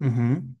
Ujú.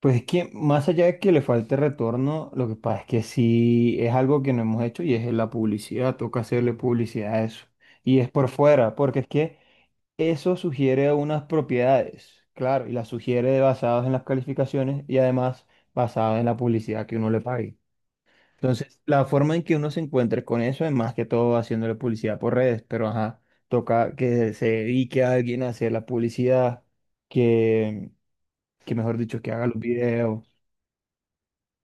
Pues es que más allá de que le falte retorno, lo que pasa es que sí es algo que no hemos hecho y es la publicidad, toca hacerle publicidad a eso. Y es por fuera, porque es que eso sugiere unas propiedades, claro, y las sugiere basadas en las calificaciones y además basadas en la publicidad que uno le pague. Entonces, la forma en que uno se encuentre con eso es más que todo haciéndole publicidad por redes, pero ajá, toca que se dedique a alguien a hacer la publicidad, que, que mejor dicho, que haga los videos.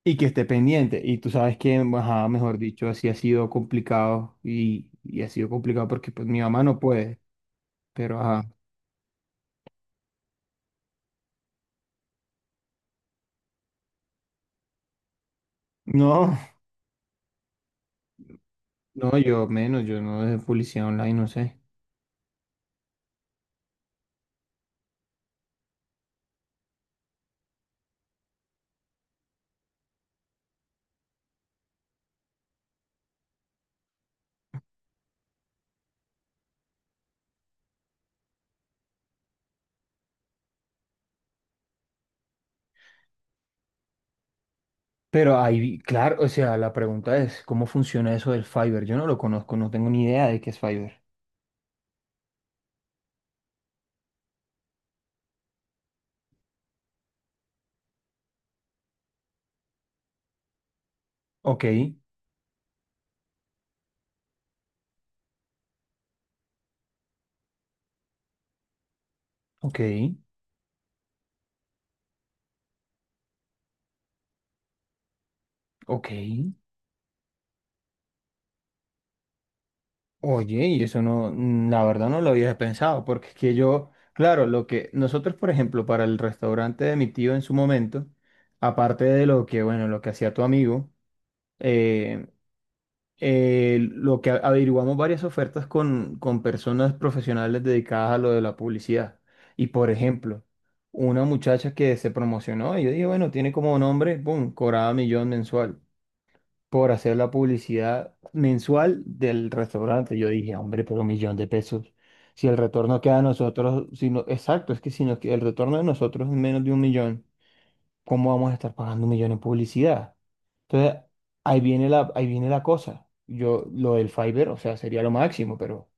Y que esté pendiente. Y tú sabes que, ajá, mejor dicho, así ha sido complicado y ha sido complicado porque pues mi mamá no puede, pero ajá. No, no, yo menos, yo no de publicidad online, no sé. Pero ahí, claro, o sea, la pregunta es, ¿cómo funciona eso del Fiverr? Yo no lo conozco, no tengo ni idea de qué es Fiverr. Ok, ok, ok. Oye, y eso no, la verdad no lo había pensado, porque es que yo, claro, lo que nosotros, por ejemplo, para el restaurante de mi tío en su momento, aparte de lo que, bueno, lo que hacía tu amigo, eh, averiguamos varias ofertas con personas profesionales dedicadas a lo de la publicidad. Y, por ejemplo, una muchacha que se promocionó, y yo dije, bueno, tiene como nombre, boom, cobraba millón mensual por hacer la publicidad mensual del restaurante. Yo dije, hombre, pero 1 millón de pesos. Si el retorno queda a nosotros, exacto, es que si nos, que- el retorno de nosotros es menos de 1 millón, ¿cómo vamos a estar pagando 1 millón en publicidad? Entonces, ahí viene la cosa. Yo, lo del Fiverr, o sea, sería lo máximo, pero,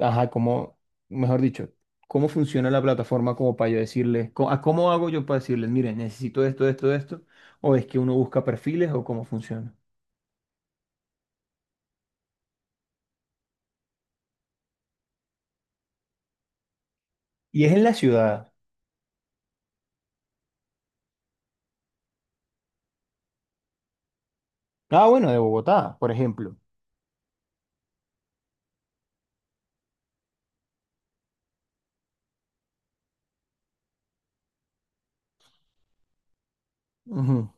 ajá, como, mejor dicho, ¿cómo funciona la plataforma como para yo decirles, a cómo hago yo para decirles, miren, necesito esto, esto, esto, o es que uno busca perfiles o cómo funciona? Y es en la ciudad. Ah, bueno, de Bogotá, por ejemplo. Ujú.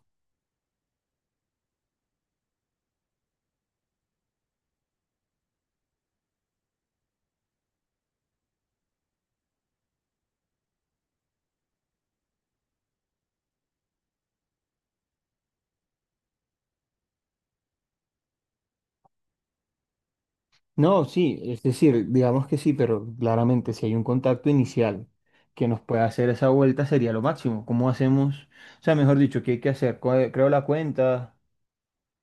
No, sí, es decir, digamos que sí, pero claramente si hay un contacto inicial que nos pueda hacer esa vuelta sería lo máximo. ¿Cómo hacemos? O sea, mejor dicho, ¿qué hay que hacer? Creo la cuenta,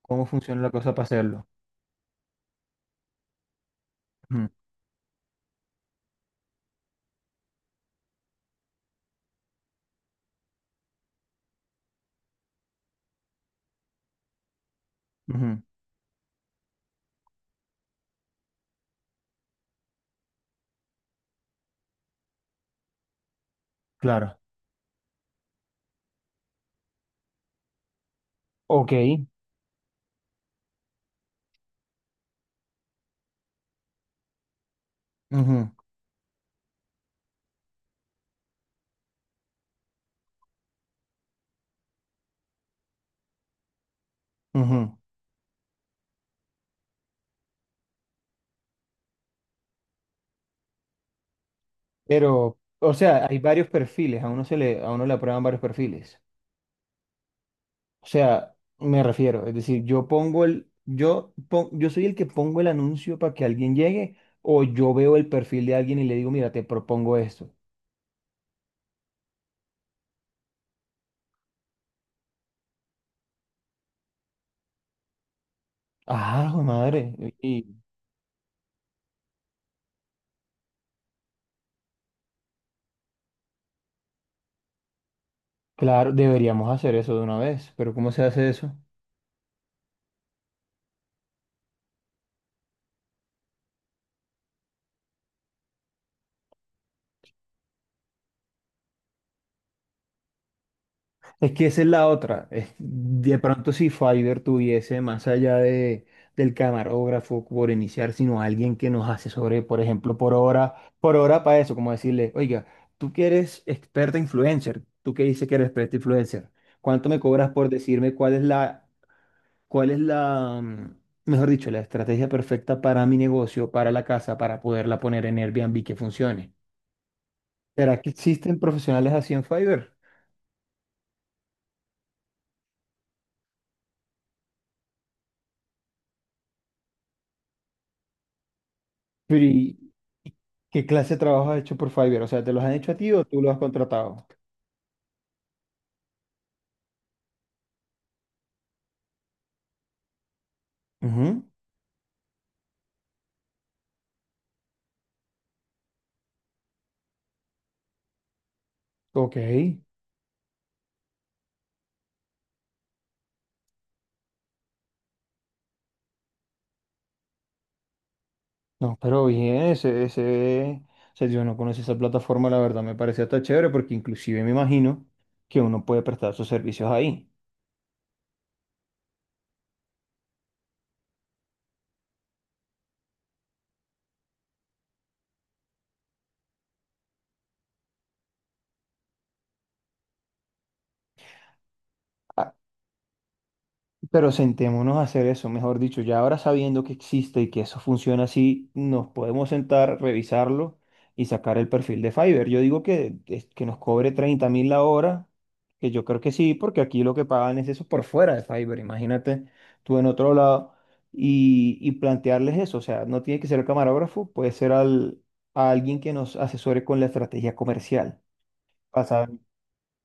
¿cómo funciona la cosa para hacerlo? Ujú, ujú, claro. Ok. Ujú, ujú. Pero, o sea, hay varios perfiles, a uno le aprueban varios perfiles. O sea, me refiero, es decir, yo soy el que pongo el anuncio para que alguien llegue, o yo veo el perfil de alguien y le digo, mira, te propongo esto. Ah, jue madre. Y claro, deberíamos hacer eso de una vez, pero ¿cómo se hace eso? Es que esa es la otra. De pronto si Fiverr tuviese más allá del camarógrafo por iniciar, sino alguien que nos asesore, por ejemplo, por hora para eso, como decirle, oiga, tú que eres experta influencer, tú que dices que eres experta influencer, ¿cuánto me cobras por decirme cuál es la, mejor dicho, la estrategia perfecta para mi negocio, para la casa, para poderla poner en Airbnb que funcione? ¿Será que existen profesionales así en Fiverr? Pero ¿y qué clase de trabajo has hecho por Fiverr? O sea, ¿te los han hecho a ti o tú los has contratado? Ujú. Ok, no, pero bien, ese, o sea, yo no conocí esa plataforma, la verdad me pareció hasta chévere porque inclusive me imagino que uno puede prestar sus servicios ahí. Ah, pero sentémonos a hacer eso, mejor dicho, ya ahora sabiendo que existe y que eso funciona así, nos podemos sentar, revisarlo y sacar el perfil de Fiverr. Yo digo que, que nos cobre 30.000 la hora, que yo creo que sí, porque aquí lo que pagan es eso por fuera de Fiverr, imagínate tú en otro lado y plantearles eso, o sea, no tiene que ser el camarógrafo, puede ser a alguien que nos asesore con la estrategia comercial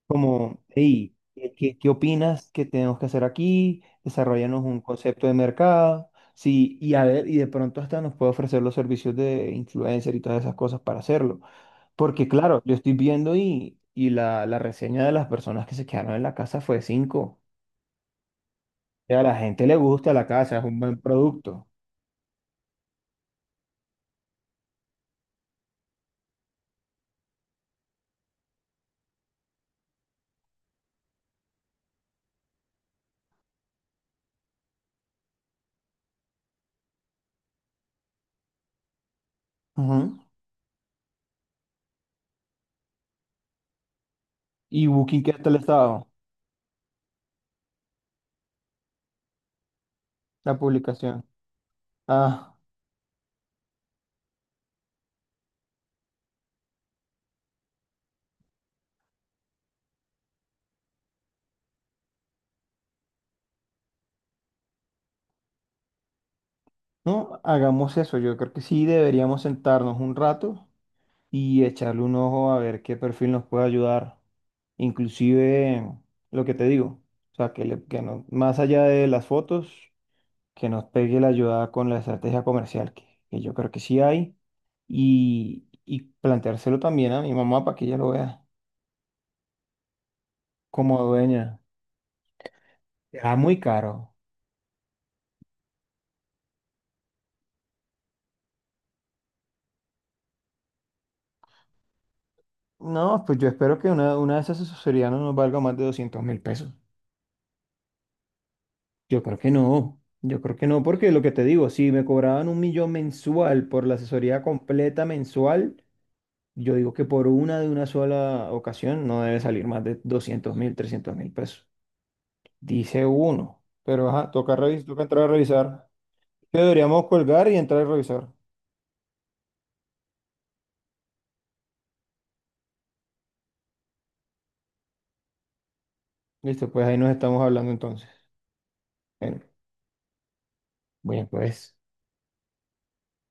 como, hey, ¿ qué opinas que tenemos que hacer aquí? Desarrollanos un concepto de mercado. Sí, y a ver, y de pronto hasta nos puede ofrecer los servicios de influencer y todas esas cosas para hacerlo. Porque claro, yo estoy viendo y la reseña de las personas que se quedaron en la casa fue 5. O sea, a la gente le gusta la casa, es un buen producto. Ujú. ¿Y Booking qué tal estado? La publicación. Ah, no, hagamos eso. Yo creo que sí deberíamos sentarnos un rato y echarle un ojo a ver qué perfil nos puede ayudar. Inclusive lo que te digo, o sea, que no, más allá de las fotos, que nos pegue la ayuda con la estrategia comercial, que yo creo que sí hay, y planteárselo también a mi mamá para que ella lo vea como dueña. Ah, muy caro. No, pues yo espero que una de esas asesorías no nos valga más de 200.000 pesos. Yo creo que no, yo creo que no, porque lo que te digo, si me cobraban 1 millón mensual por la asesoría completa mensual, yo digo que por una de una sola ocasión no debe salir más de 200.000, 300.000 pesos. Dice uno, pero ajá, toca revisar, toca entrar a revisar. Que deberíamos colgar y entrar a revisar. Listo, pues ahí nos estamos hablando entonces. Bueno, bueno, pues.